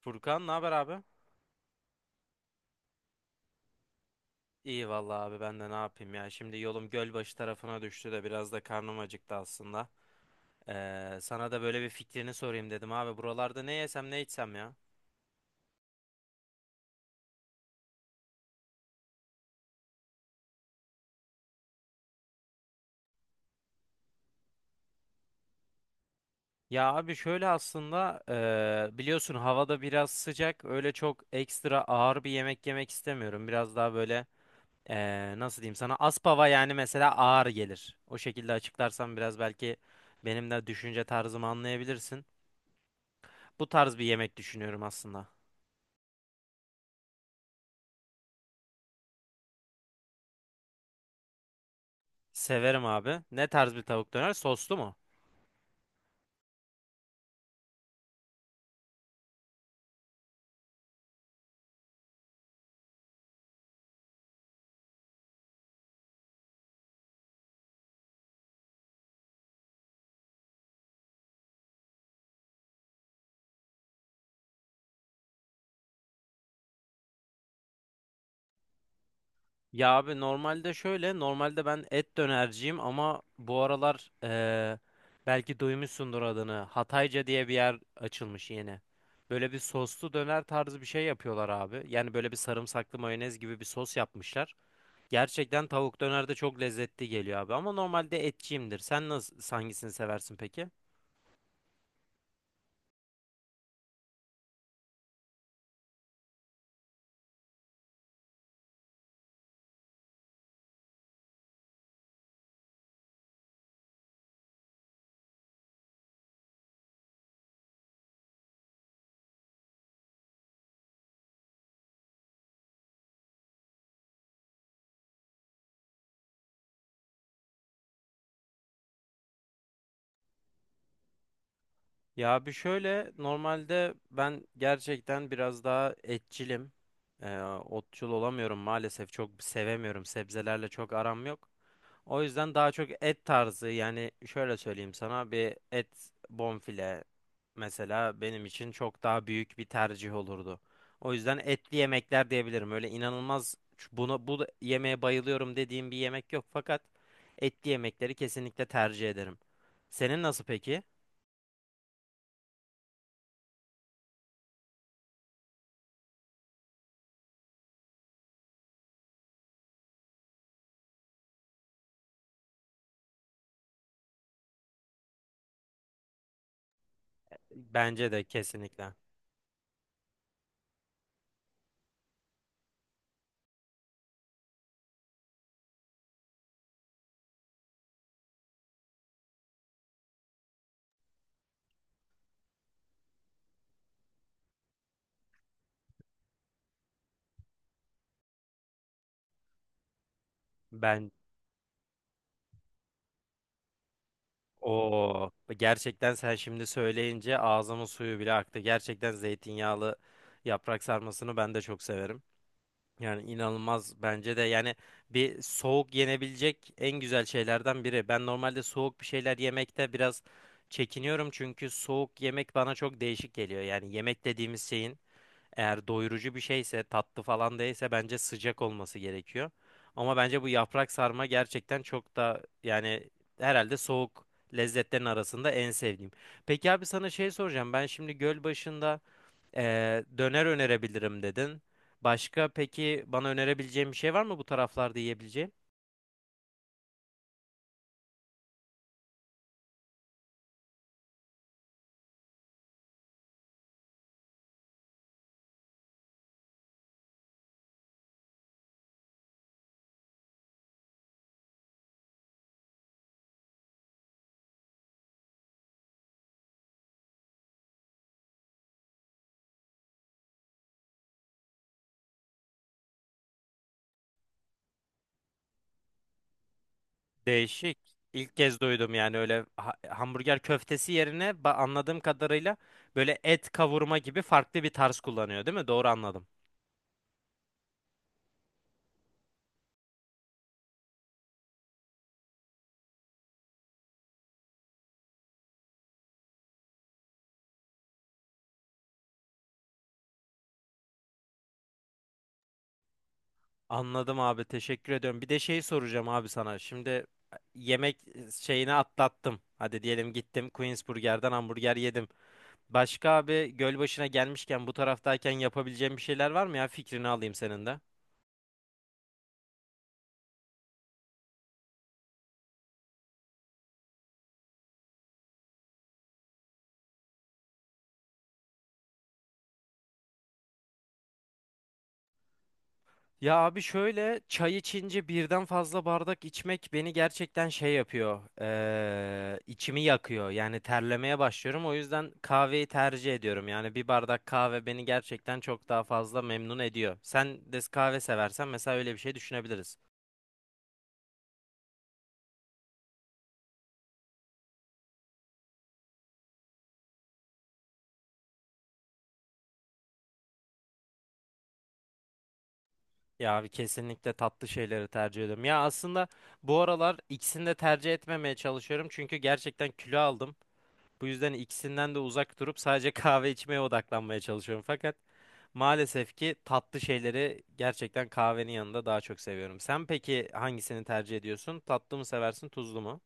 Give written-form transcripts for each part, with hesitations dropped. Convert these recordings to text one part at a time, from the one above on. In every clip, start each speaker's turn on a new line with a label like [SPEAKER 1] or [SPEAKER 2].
[SPEAKER 1] Furkan, ne haber abi? İyi vallahi abi, ben de ne yapayım ya. Şimdi yolum Gölbaşı tarafına düştü de biraz da karnım acıktı aslında. Sana da böyle bir fikrini sorayım dedim abi. Buralarda ne yesem ne içsem ya? Ya abi şöyle aslında biliyorsun havada biraz sıcak. Öyle çok ekstra ağır bir yemek yemek istemiyorum. Biraz daha böyle nasıl diyeyim sana, Aspava yani mesela ağır gelir. O şekilde açıklarsam biraz belki benim de düşünce tarzımı anlayabilirsin. Bu tarz bir yemek düşünüyorum aslında. Severim abi. Ne tarz bir tavuk döner? Soslu mu? Ya abi normalde şöyle, normalde ben et dönerciyim ama bu aralar belki duymuşsundur adını. Hatayca diye bir yer açılmış yeni. Böyle bir soslu döner tarzı bir şey yapıyorlar abi. Yani böyle bir sarımsaklı mayonez gibi bir sos yapmışlar. Gerçekten tavuk döner de çok lezzetli geliyor abi, ama normalde etçiyimdir. Sen nasıl, hangisini seversin peki? Ya bir şöyle, normalde ben gerçekten biraz daha etçilim. Ee, Otçul olamıyorum maalesef, çok sevemiyorum, sebzelerle çok aram yok. O yüzden daha çok et tarzı, yani şöyle söyleyeyim sana, bir et bonfile mesela benim için çok daha büyük bir tercih olurdu. O yüzden etli yemekler diyebilirim. Öyle inanılmaz yemeğe bayılıyorum dediğim bir yemek yok, fakat etli yemekleri kesinlikle tercih ederim. Senin nasıl peki? Bence de kesinlikle. Ben o, gerçekten sen şimdi söyleyince ağzımın suyu bile aktı. Gerçekten zeytinyağlı yaprak sarmasını ben de çok severim. Yani inanılmaz, bence de yani bir soğuk yenebilecek en güzel şeylerden biri. Ben normalde soğuk bir şeyler yemekte biraz çekiniyorum, çünkü soğuk yemek bana çok değişik geliyor. Yani yemek dediğimiz şeyin eğer doyurucu bir şeyse, tatlı falan değilse bence sıcak olması gerekiyor. Ama bence bu yaprak sarma gerçekten çok da yani herhalde soğuk lezzetlerin arasında en sevdiğim. Peki abi, sana şey soracağım. Ben şimdi göl başında döner önerebilirim dedin. Başka peki bana önerebileceğim bir şey var mı bu taraflarda yiyebileceğim? Değişik. İlk kez duydum yani, öyle hamburger köftesi yerine anladığım kadarıyla böyle et kavurma gibi farklı bir tarz kullanıyor, değil mi? Doğru anladım. Anladım abi, teşekkür ediyorum. Bir de şey soracağım abi sana. Şimdi yemek şeyini atlattım. Hadi diyelim gittim Queens Burger'den hamburger yedim. Başka abi, Gölbaşı'na gelmişken bu taraftayken yapabileceğim bir şeyler var mı ya? Fikrini alayım senin de. Ya abi şöyle, çay içince birden fazla bardak içmek beni gerçekten şey yapıyor. İçimi yakıyor. Yani terlemeye başlıyorum. O yüzden kahveyi tercih ediyorum. Yani bir bardak kahve beni gerçekten çok daha fazla memnun ediyor. Sen de kahve seversen mesela öyle bir şey düşünebiliriz. Ya abi kesinlikle tatlı şeyleri tercih ediyorum. Ya aslında bu aralar ikisini de tercih etmemeye çalışıyorum. Çünkü gerçekten kilo aldım. Bu yüzden ikisinden de uzak durup sadece kahve içmeye odaklanmaya çalışıyorum. Fakat maalesef ki tatlı şeyleri gerçekten kahvenin yanında daha çok seviyorum. Sen peki hangisini tercih ediyorsun? Tatlı mı seversin, tuzlu mu?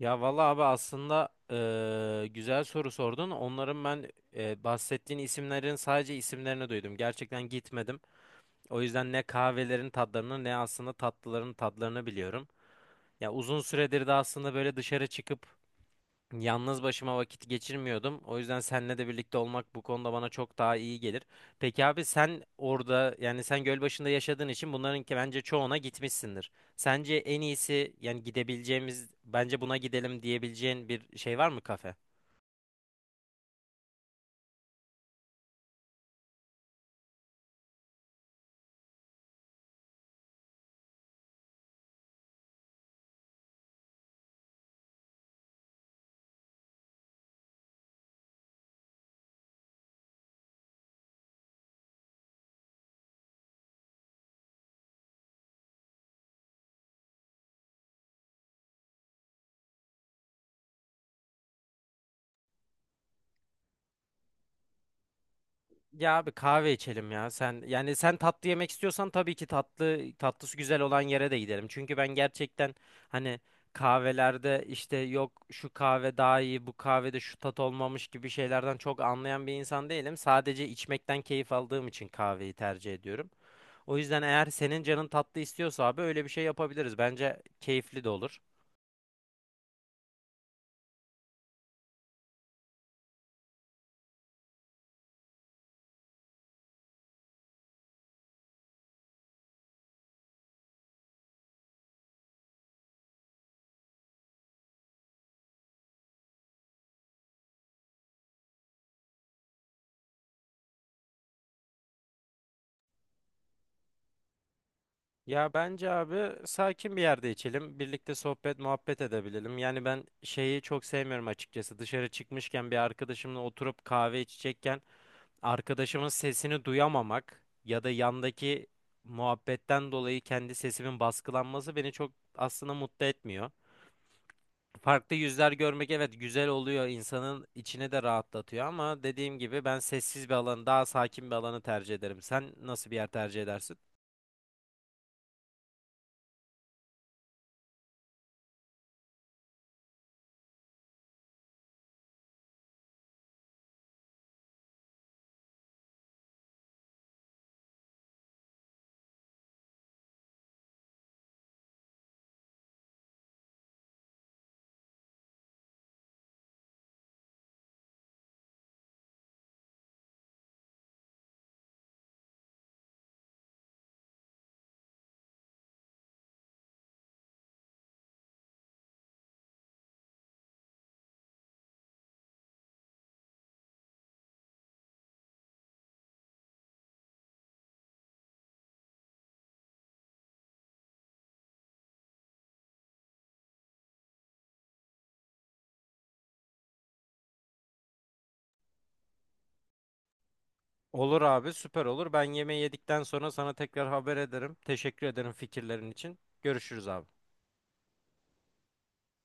[SPEAKER 1] Ya valla abi, aslında güzel soru sordun. Onların ben bahsettiğin isimlerin sadece isimlerini duydum. Gerçekten gitmedim. O yüzden ne kahvelerin tadlarını ne aslında tatlıların tadlarını biliyorum. Ya uzun süredir de aslında böyle dışarı çıkıp yalnız başıma vakit geçirmiyordum. O yüzden seninle de birlikte olmak bu konuda bana çok daha iyi gelir. Peki abi, sen orada, yani sen Gölbaşı'nda yaşadığın için bunların ki bence çoğuna gitmişsindir. Sence en iyisi, yani gidebileceğimiz bence buna gidelim diyebileceğin bir şey var mı kafe? Ya abi kahve içelim ya. Sen, yani sen tatlı yemek istiyorsan tabii ki tatlı, tatlısı güzel olan yere de gidelim. Çünkü ben gerçekten hani kahvelerde işte yok şu kahve daha iyi, bu kahvede şu tat olmamış gibi şeylerden çok anlayan bir insan değilim. Sadece içmekten keyif aldığım için kahveyi tercih ediyorum. O yüzden eğer senin canın tatlı istiyorsa abi öyle bir şey yapabiliriz. Bence keyifli de olur. Ya bence abi sakin bir yerde içelim. Birlikte sohbet, muhabbet edebilelim. Yani ben şeyi çok sevmiyorum açıkçası. Dışarı çıkmışken bir arkadaşımla oturup kahve içecekken arkadaşımın sesini duyamamak ya da yandaki muhabbetten dolayı kendi sesimin baskılanması beni çok aslında mutlu etmiyor. Farklı yüzler görmek evet güzel oluyor. İnsanın içini de rahatlatıyor ama dediğim gibi ben sessiz bir alanı, daha sakin bir alanı tercih ederim. Sen nasıl bir yer tercih edersin? Olur abi, süper olur. Ben yemeği yedikten sonra sana tekrar haber ederim. Teşekkür ederim fikirlerin için. Görüşürüz abi.